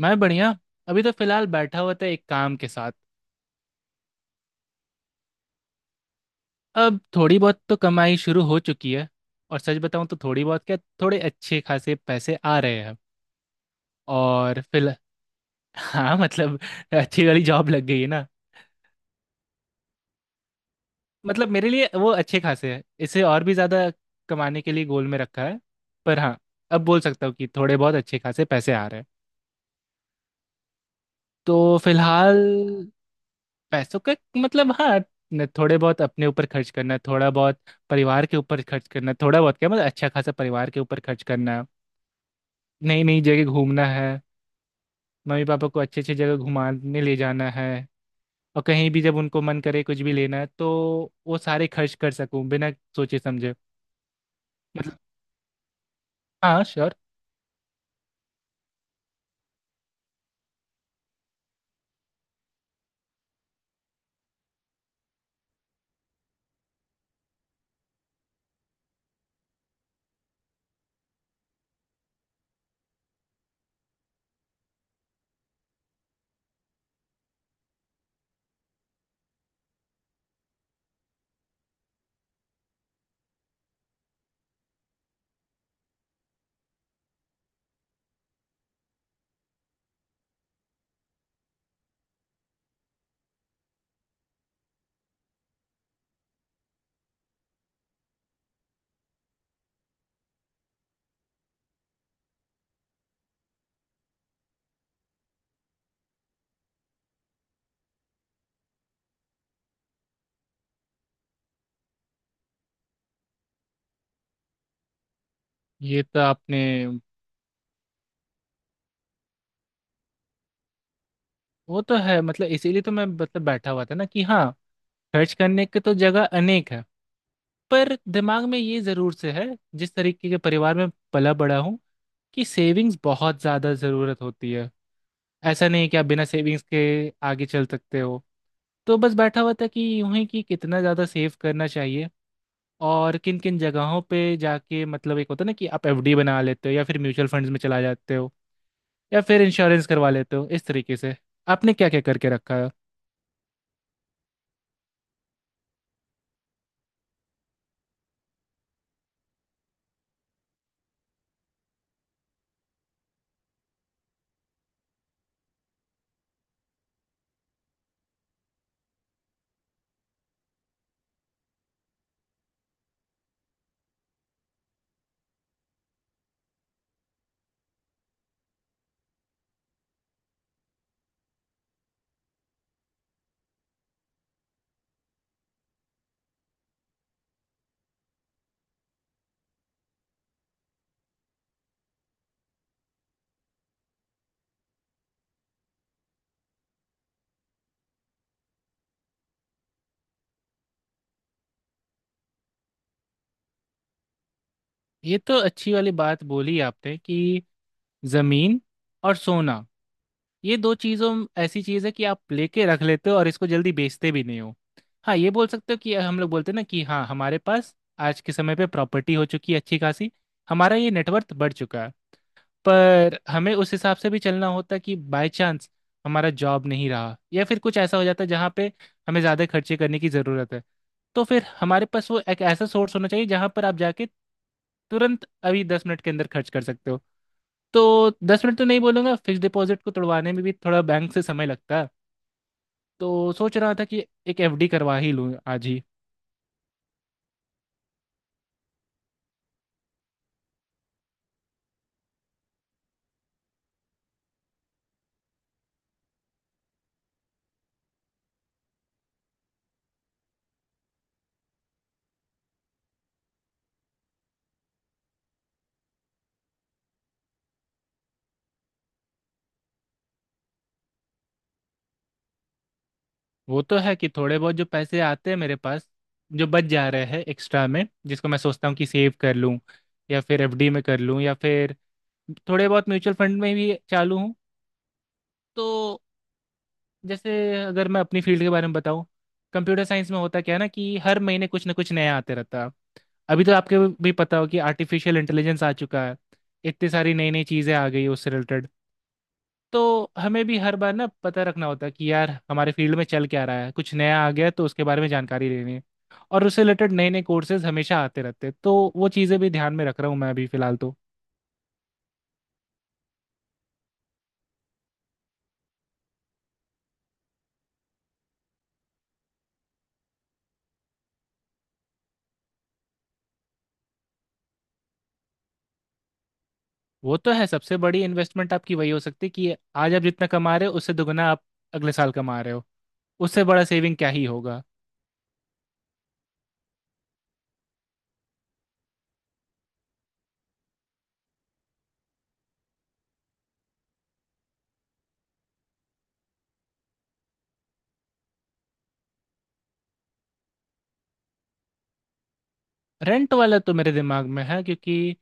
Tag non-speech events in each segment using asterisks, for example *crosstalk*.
मैं बढ़िया। अभी तो फिलहाल बैठा हुआ था एक काम के साथ। अब थोड़ी बहुत तो कमाई शुरू हो चुकी है। और सच बताऊं तो थोड़ी बहुत क्या, थोड़े अच्छे खासे पैसे आ रहे हैं। और फिल *laughs* हाँ, मतलब अच्छी वाली जॉब लग गई है ना। मतलब मेरे लिए वो अच्छे खासे हैं, इसे और भी ज़्यादा कमाने के लिए गोल में रखा है। पर हाँ, अब बोल सकता हूँ कि थोड़े बहुत अच्छे खासे पैसे आ रहे हैं। तो फिलहाल पैसों का मतलब हाँ, थोड़े बहुत अपने ऊपर खर्च करना, थोड़ा बहुत परिवार के ऊपर खर्च करना, थोड़ा बहुत क्या मतलब अच्छा खासा परिवार के ऊपर खर्च करना। नई नई जगह घूमना है, मम्मी पापा को अच्छी अच्छी जगह घुमाने ले जाना है। और कहीं भी जब उनको मन करे कुछ भी लेना है, तो वो सारे खर्च कर सकूं बिना सोचे समझे। मतलब हाँ, श्योर। ये तो आपने, वो तो है मतलब इसीलिए तो मैं मतलब बैठा हुआ था ना कि हाँ, खर्च करने के तो जगह अनेक है। पर दिमाग में ये जरूर से है, जिस तरीके के परिवार में पला बड़ा हूँ, कि सेविंग्स बहुत ज़्यादा ज़रूरत होती है। ऐसा नहीं कि आप बिना सेविंग्स के आगे चल सकते हो। तो बस बैठा हुआ था कि यूं ही कि कितना ज़्यादा सेव करना चाहिए और किन किन जगहों पे जाके, मतलब एक होता है ना कि आप एफडी बना लेते हो या फिर म्यूचुअल फंड्स में चला जाते हो या फिर इंश्योरेंस करवा लेते हो। इस तरीके से आपने क्या क्या करके रखा है। ये तो अच्छी वाली बात बोली आपने कि ज़मीन और सोना, ये दो चीज़ों में ऐसी चीज़ है कि आप लेके रख लेते हो और इसको जल्दी बेचते भी नहीं हो। हाँ, ये बोल सकते हो कि हम लोग बोलते हैं ना कि हाँ हमारे पास आज के समय पे प्रॉपर्टी हो चुकी है अच्छी खासी, हमारा ये नेटवर्थ बढ़ चुका है। पर हमें उस हिसाब से भी चलना होता कि बाय चांस हमारा जॉब नहीं रहा या फिर कुछ ऐसा हो जाता जहाँ पे हमें ज़्यादा खर्चे करने की ज़रूरत है, तो फिर हमारे पास वो एक ऐसा सोर्स होना चाहिए जहाँ पर आप जाके तुरंत अभी दस मिनट के अंदर खर्च कर सकते हो। तो 10 मिनट तो नहीं बोलूंगा, फिक्स डिपॉजिट को तोड़वाने में भी थोड़ा बैंक से समय लगता है। तो सोच रहा था कि एक एफडी करवा ही लूँ आज ही। वो तो है कि थोड़े बहुत जो पैसे आते हैं मेरे पास, जो बच जा रहे हैं एक्स्ट्रा में, जिसको मैं सोचता हूँ कि सेव कर लूँ या फिर एफडी में कर लूँ, या फिर थोड़े बहुत म्यूचुअल फंड में भी चालू हूँ। तो जैसे, अगर मैं अपनी फील्ड के बारे में बताऊँ, कंप्यूटर साइंस में होता क्या है ना कि हर महीने कुछ ना कुछ नया आते रहता है। अभी तो आपके भी पता हो कि आर्टिफिशियल इंटेलिजेंस आ चुका है, इतनी सारी नई नई चीज़ें आ गई उससे रिलेटेड। तो हमें भी हर बार ना पता रखना होता है कि यार हमारे फील्ड में चल क्या रहा है, कुछ नया आ गया है, तो उसके बारे में जानकारी लेनी है। और उससे रिलेटेड नए नए कोर्सेज हमेशा आते रहते हैं, तो वो चीज़ें भी ध्यान में रख रहा हूँ मैं अभी फिलहाल तो। वो तो है, सबसे बड़ी इन्वेस्टमेंट आपकी वही हो सकती है कि आज आप जितना कमा रहे हो उससे दुगना आप अगले साल कमा रहे हो। उससे बड़ा सेविंग क्या ही होगा। रेंट वाला तो मेरे दिमाग में है क्योंकि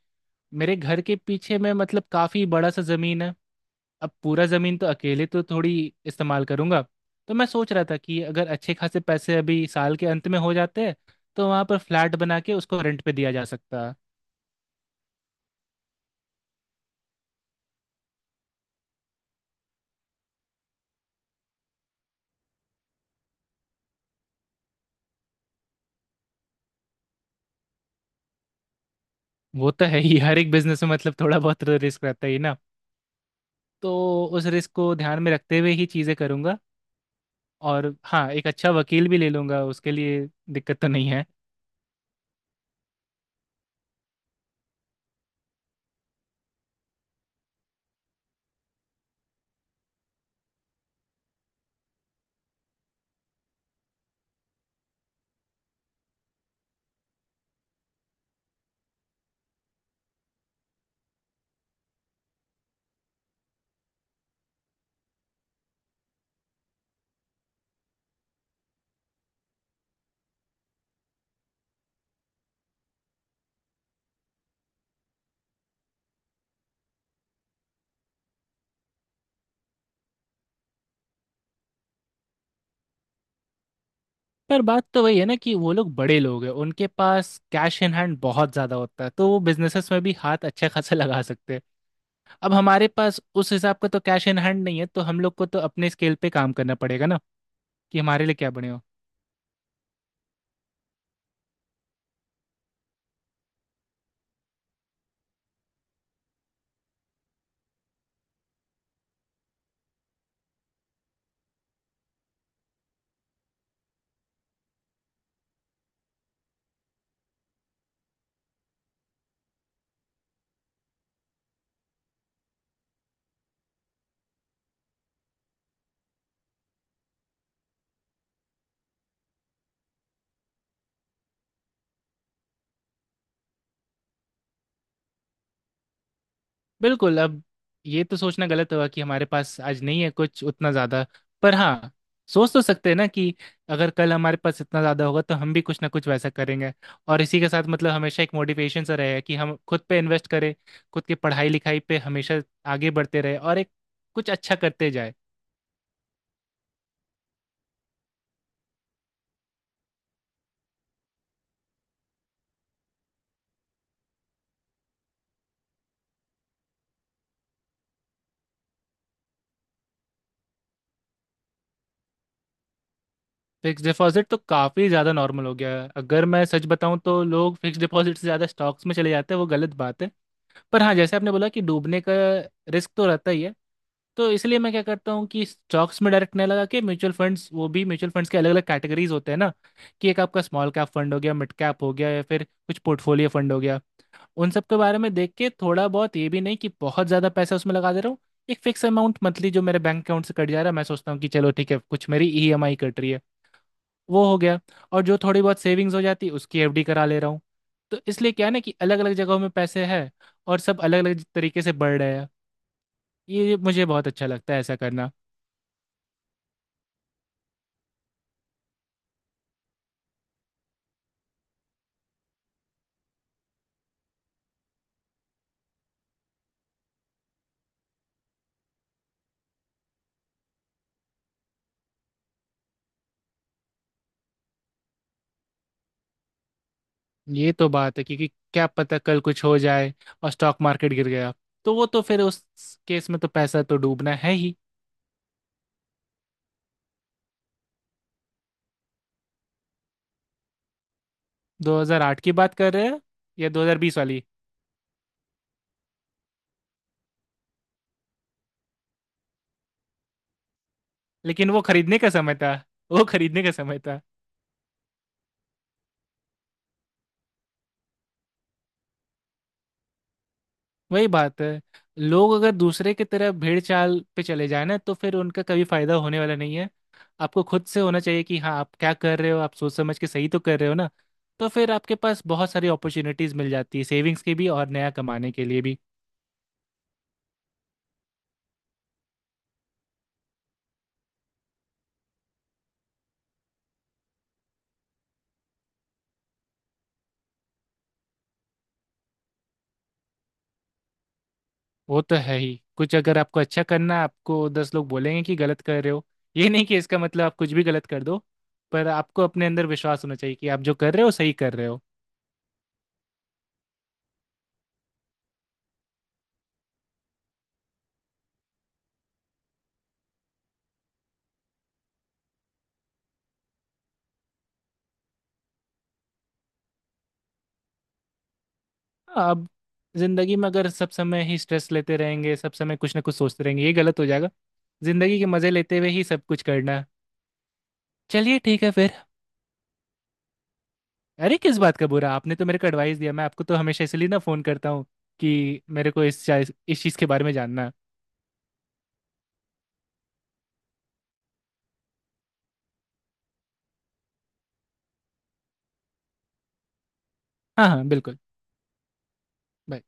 मेरे घर के पीछे में मतलब काफ़ी बड़ा सा ज़मीन है। अब पूरा ज़मीन तो अकेले तो थोड़ी इस्तेमाल करूंगा। तो मैं सोच रहा था कि अगर अच्छे खासे पैसे अभी साल के अंत में हो जाते हैं, तो वहाँ पर फ्लैट बना के उसको रेंट पे दिया जा सकता है। वो तो है ही, हर एक बिजनेस में मतलब थोड़ा बहुत तो रिस्क रहता ही ना। तो उस रिस्क को ध्यान में रखते हुए ही चीज़ें करूंगा। और हाँ, एक अच्छा वकील भी ले लूंगा उसके लिए, दिक्कत तो नहीं है। पर बात तो वही है ना कि वो लोग बड़े लोग हैं, उनके पास कैश इन हैंड बहुत ज़्यादा होता है, तो वो बिजनेसेस में भी हाथ अच्छा खासा लगा सकते हैं। अब हमारे पास उस हिसाब का तो कैश इन हैंड नहीं है, तो हम लोग को तो अपने स्केल पे काम करना पड़ेगा ना। कि हमारे लिए क्या बने हो। बिल्कुल। अब ये तो सोचना गलत हुआ कि हमारे पास आज नहीं है कुछ उतना ज़्यादा। पर हाँ, सोच तो सकते हैं ना कि अगर कल हमारे पास इतना ज़्यादा होगा तो हम भी कुछ ना कुछ वैसा करेंगे। और इसी के साथ मतलब हमेशा एक मोटिवेशन सा रहेगा कि हम खुद पे इन्वेस्ट करें, खुद की पढ़ाई लिखाई पे हमेशा आगे बढ़ते रहे और एक कुछ अच्छा करते जाए। फिक्स डिपॉजिट तो काफ़ी ज़्यादा नॉर्मल हो गया है, अगर मैं सच बताऊं तो लोग फिक्स डिपॉजिट से ज़्यादा स्टॉक्स में चले जाते हैं, वो गलत बात है। पर हाँ, जैसे आपने बोला कि डूबने का रिस्क तो रहता ही है। तो इसलिए मैं क्या करता हूँ कि स्टॉक्स में डायरेक्ट नहीं लगा के म्यूचुअल फंड्स, वो भी म्यूचुअल फंड्स के अलग अलग कैटेगरीज होते हैं ना, कि एक आपका स्मॉल कैप फंड हो गया, मिड कैप हो गया, या फिर कुछ पोर्टफोलियो फंड हो गया। उन सब के बारे में देख के थोड़ा बहुत, ये भी नहीं कि बहुत ज़्यादा पैसा उसमें लगा दे रहा हूँ, एक फिक्स अमाउंट मंथली जो मेरे बैंक अकाउंट से कट जा रहा है, मैं सोचता हूँ कि चलो ठीक है कुछ मेरी ईएमआई कट रही है, वो हो गया। और जो थोड़ी बहुत सेविंग्स हो जाती उसकी एफडी करा ले रहा हूँ। तो इसलिए क्या है ना कि अलग अलग जगहों में पैसे हैं और सब अलग अलग तरीके से बढ़ रहे हैं। ये मुझे बहुत अच्छा लगता है ऐसा करना। ये तो बात है क्योंकि क्या पता कल कुछ हो जाए और स्टॉक मार्केट गिर गया, तो वो तो फिर उस केस में तो पैसा तो डूबना है ही। 2008 की बात कर रहे हैं? या 2020 वाली? लेकिन वो खरीदने का समय था, वो खरीदने का समय था। वही बात है, लोग अगर दूसरे की तरह भेड़ चाल पे चले जाए ना, तो फिर उनका कभी फायदा होने वाला नहीं है। आपको खुद से होना चाहिए कि हाँ आप क्या कर रहे हो, आप सोच समझ के सही तो कर रहे हो ना। तो फिर आपके पास बहुत सारी अपॉर्चुनिटीज मिल जाती है सेविंग्स की भी और नया कमाने के लिए भी। वो तो है ही, कुछ अगर आपको अच्छा करना है आपको 10 लोग बोलेंगे कि गलत कर रहे हो। ये नहीं कि इसका मतलब आप कुछ भी गलत कर दो, पर आपको अपने अंदर विश्वास होना चाहिए कि आप जो कर रहे हो सही कर रहे हो। अब जिंदगी में अगर सब समय ही स्ट्रेस लेते रहेंगे, सब समय कुछ ना कुछ सोचते रहेंगे, ये गलत हो जाएगा। जिंदगी के मजे लेते हुए ही सब कुछ करना है। चलिए ठीक है फिर। अरे किस बात का बुरा, आपने तो मेरे को एडवाइस दिया। मैं आपको तो हमेशा इसलिए ना फोन करता हूँ कि मेरे को इस चीज़ के बारे में जानना है। हाँ हाँ, बिल्कुल। Bye.